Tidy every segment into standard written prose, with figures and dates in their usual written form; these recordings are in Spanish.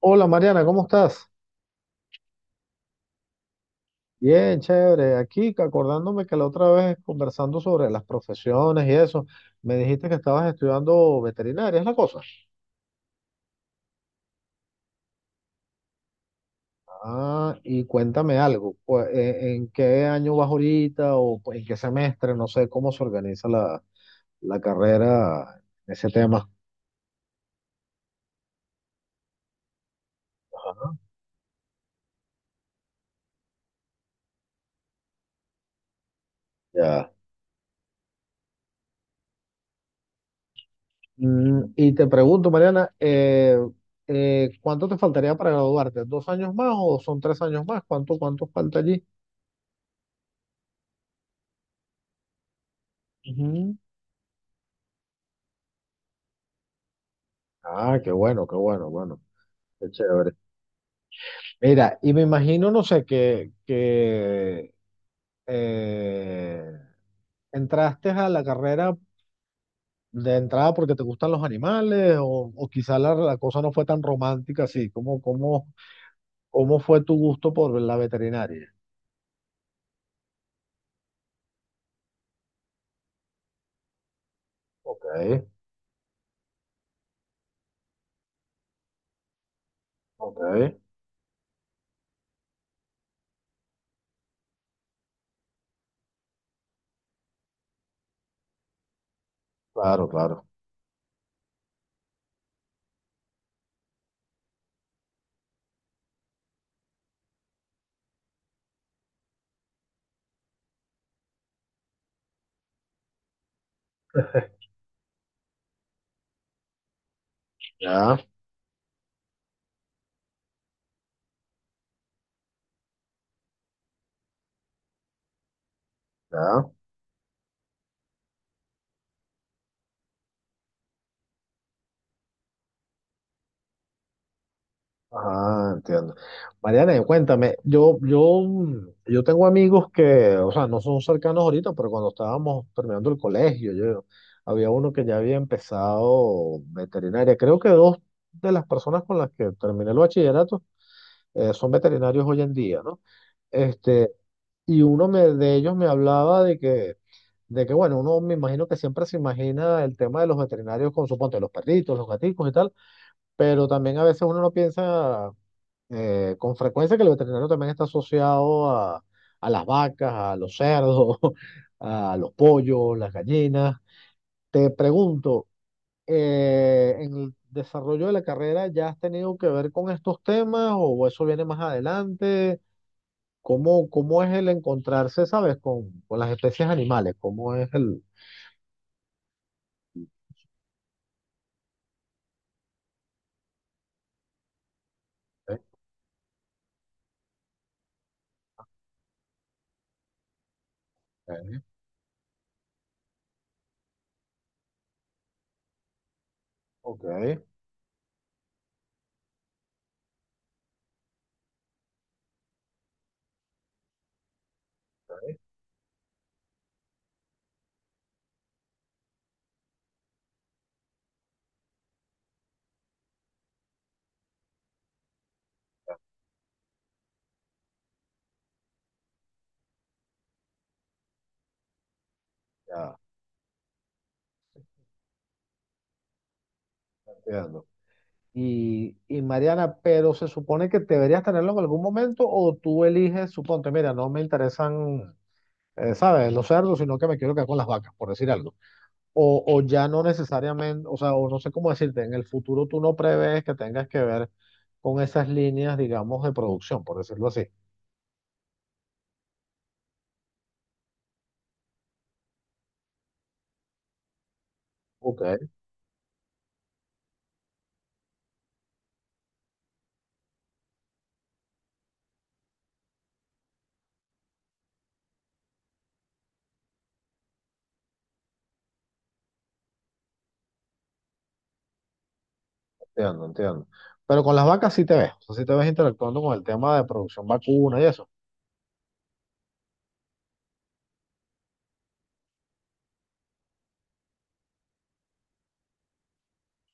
Hola, Mariana, ¿cómo estás? Bien, chévere. Aquí que acordándome que la otra vez conversando sobre las profesiones y eso, me dijiste que estabas estudiando veterinaria, ¿es la cosa? Ah, y cuéntame algo, pues, ¿en qué año vas ahorita o pues, en qué semestre? No sé cómo se organiza la carrera en ese tema. Ajá, ya. Y te pregunto, Mariana, ¿cuánto te faltaría para graduarte? ¿Dos años más o son tres años más? ¿Cuánto falta allí? Ujú. Ah, qué bueno, bueno, qué chévere. Mira, y me imagino, no sé, que eh, entraste a la carrera de entrada porque te gustan los animales o quizá la cosa no fue tan romántica así. ¿Cómo fue tu gusto por la veterinaria? Ok, ok, claro, claro. Ya, ya. Ah, entiendo. Mariana, y cuéntame, yo tengo amigos que, o sea, no son cercanos ahorita, pero cuando estábamos terminando el colegio, había uno que ya había empezado veterinaria. Creo que dos de las personas con las que terminé el bachillerato son veterinarios hoy en día, ¿no? Este, y uno me, de ellos me hablaba de que bueno, uno, me imagino que siempre se imagina el tema de los veterinarios con, suponte, los perritos, los gaticos y tal, pero también a veces uno no piensa con frecuencia que el veterinario también está asociado a las vacas, a los cerdos, a los pollos, las gallinas. Te pregunto, ¿en el desarrollo de la carrera ya has tenido que ver con estos temas o eso viene más adelante? ¿Cómo es el encontrarse, sabes, con las especies animales? ¿Cómo es el... eh, eh, ok, ya, entiendo. Y Mariana, pero se supone que deberías tenerlo en algún momento o tú eliges, suponte, mira, no me interesan, ¿sabes? Los cerdos, sino que me quiero quedar con las vacas, por decir algo. O ya no necesariamente, o sea, o no sé cómo decirte, en el futuro tú no prevés que tengas que ver con esas líneas, digamos, de producción, por decirlo así. Ok, entiendo, entiendo. Pero con las vacas sí te ves, o sea, sí te ves interactuando con el tema de producción vacuna y eso.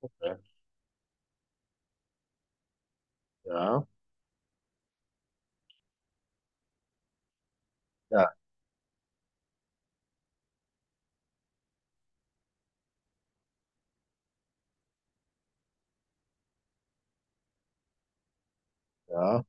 Ok, ya, ya, ya.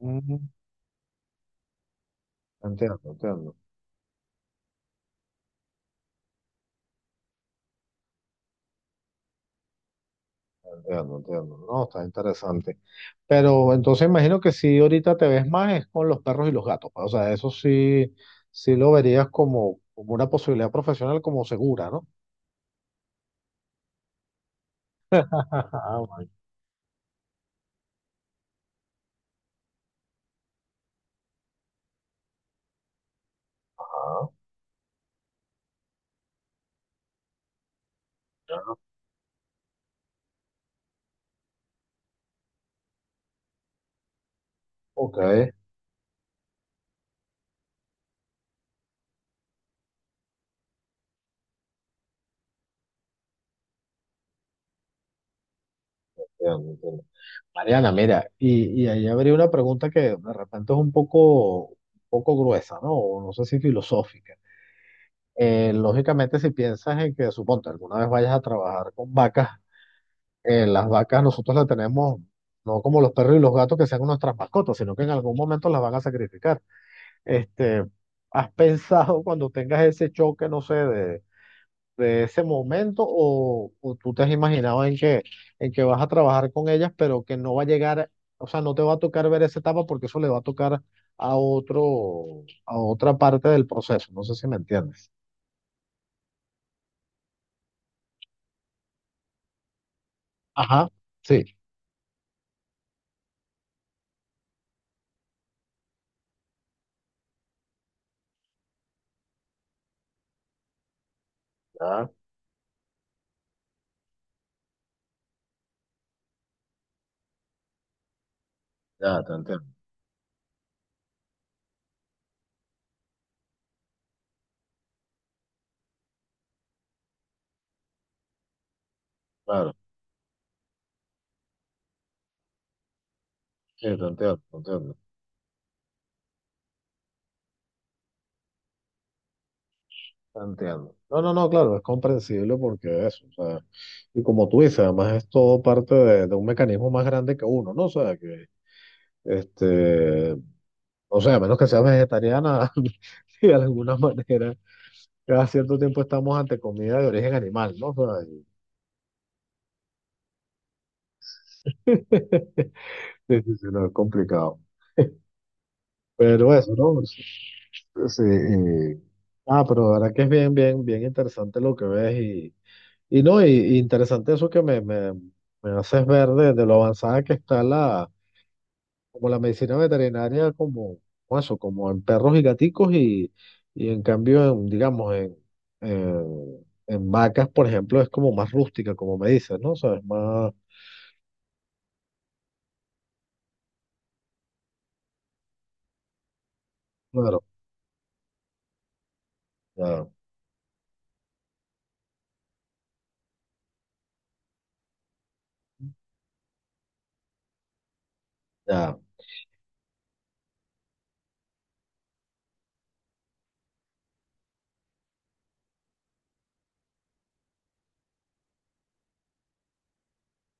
Ujú, entiendo, entiendo. Entiendo, entiendo. No, está interesante. Pero entonces imagino que si ahorita te ves más es con los perros y los gatos, pues. O sea, eso sí, sí lo verías como, como una posibilidad profesional como segura, ¿no? Ah, bueno. Ah, ya, ok, entiendo, entiendo. Mariana, mira, y ahí habría una pregunta que de repente es un poco gruesa, ¿no? O no sé si filosófica. Lógicamente, si piensas en que, suponte, alguna vez vayas a trabajar con vacas, las vacas nosotros las tenemos, no como los perros y los gatos que sean nuestras mascotas, sino que en algún momento las van a sacrificar. Este, ¿Has pensado cuando tengas ese choque, no sé, de ese momento o tú te has imaginado en que vas a trabajar con ellas, pero que no va a llegar, o sea, no te va a tocar ver esa etapa porque eso le va a tocar a otro, a otra parte del proceso? No sé si me entiendes. Ajá, sí. Ya, ya, te entiendo. Claro, sí, te entiendo, te entiendo. Entiendo. No, no, no, claro, es comprensible porque eso, o sea, y como tú dices, además es todo parte de un mecanismo más grande que uno, ¿no? O sea, que, este, o sea, a menos que seas vegetariana, y de alguna manera, cada cierto tiempo estamos ante comida de origen animal, ¿no? O sea, y- sí, sí, sí, no, es complicado. Pero eso, ¿no? Sí. Sí, y- Ah, pero la verdad que es bien, bien, bien interesante lo que ves. Y no, y interesante eso que me haces ver de lo avanzada que está como la medicina veterinaria, como, como eso, como en perros y gaticos, y en cambio, en, digamos, en vacas, por ejemplo, es como más rústica, como me dices, ¿no? O sea, es más, claro, claro, ya,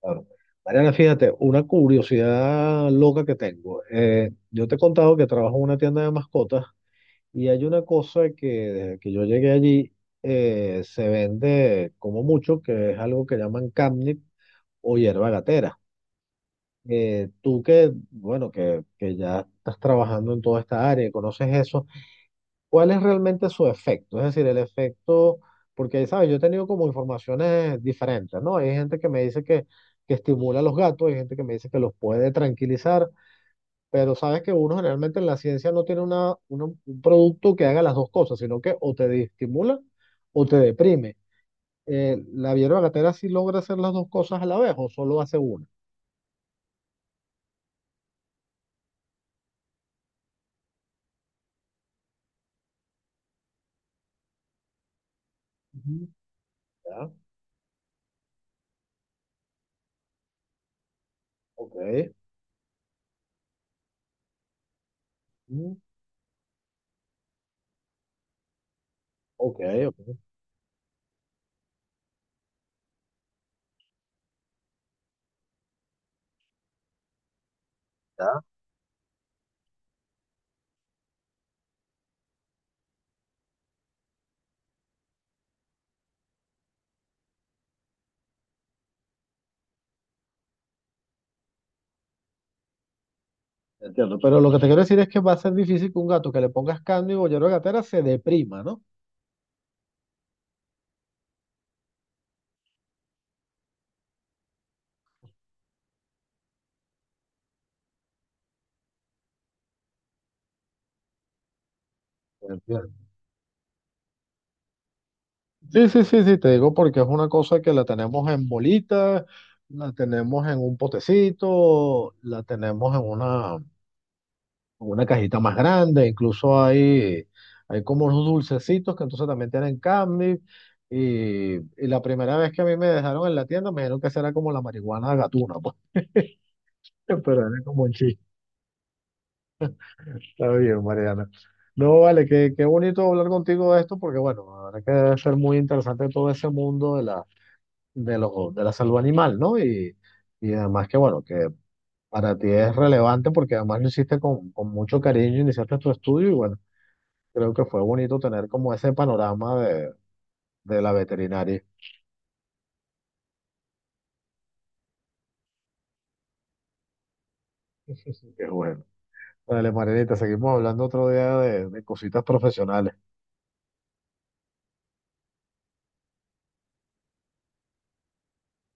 claro. Mariana, fíjate, una curiosidad loca que tengo. Yo te he contado que trabajo en una tienda de mascotas. Y hay una cosa que desde que yo llegué allí se vende como mucho, que es algo que llaman camnit o hierba gatera. Tú que, bueno, que ya estás trabajando en toda esta área, y conoces eso, ¿cuál es realmente su efecto? Es decir, el efecto, porque, ¿sabes? Yo he tenido como informaciones diferentes, ¿no? Hay gente que me dice que estimula a los gatos, hay gente que me dice que los puede tranquilizar, pero sabes que uno generalmente en la ciencia no tiene un producto que haga las dos cosas, sino que o te estimula o te deprime. La hierba gatera, ¿sí logra hacer las dos cosas a la vez o solo hace una? Ujú. Ya, ok, mm, ok, ok, ya, entiendo. Pero lo que te quiero decir es que va a ser difícil que un gato que le pongas cándido o hierba gatera se deprima, ¿no? Entiendo. Sí, sí, sí, sí, te digo porque es una cosa que la tenemos en bolita, la tenemos en un potecito, la tenemos en una cajita más grande, incluso hay, hay como unos dulcecitos que entonces también tienen candy. Y la primera vez que a mí me dejaron en la tienda, me dijeron que será como la marihuana gatuna, pues. Pero era como un chiste. Está bien, Mariana. No, vale, qué, qué bonito hablar contigo de esto, porque bueno, la verdad que debe ser muy interesante todo ese mundo de la, de lo- de la salud animal, ¿no? Y además que bueno, que para ti es relevante porque además lo hiciste con mucho cariño, iniciaste tu estudio y bueno. Creo que fue bonito tener como ese panorama de la veterinaria. Qué bueno. Dale, Marianita, seguimos hablando otro día de cositas profesionales.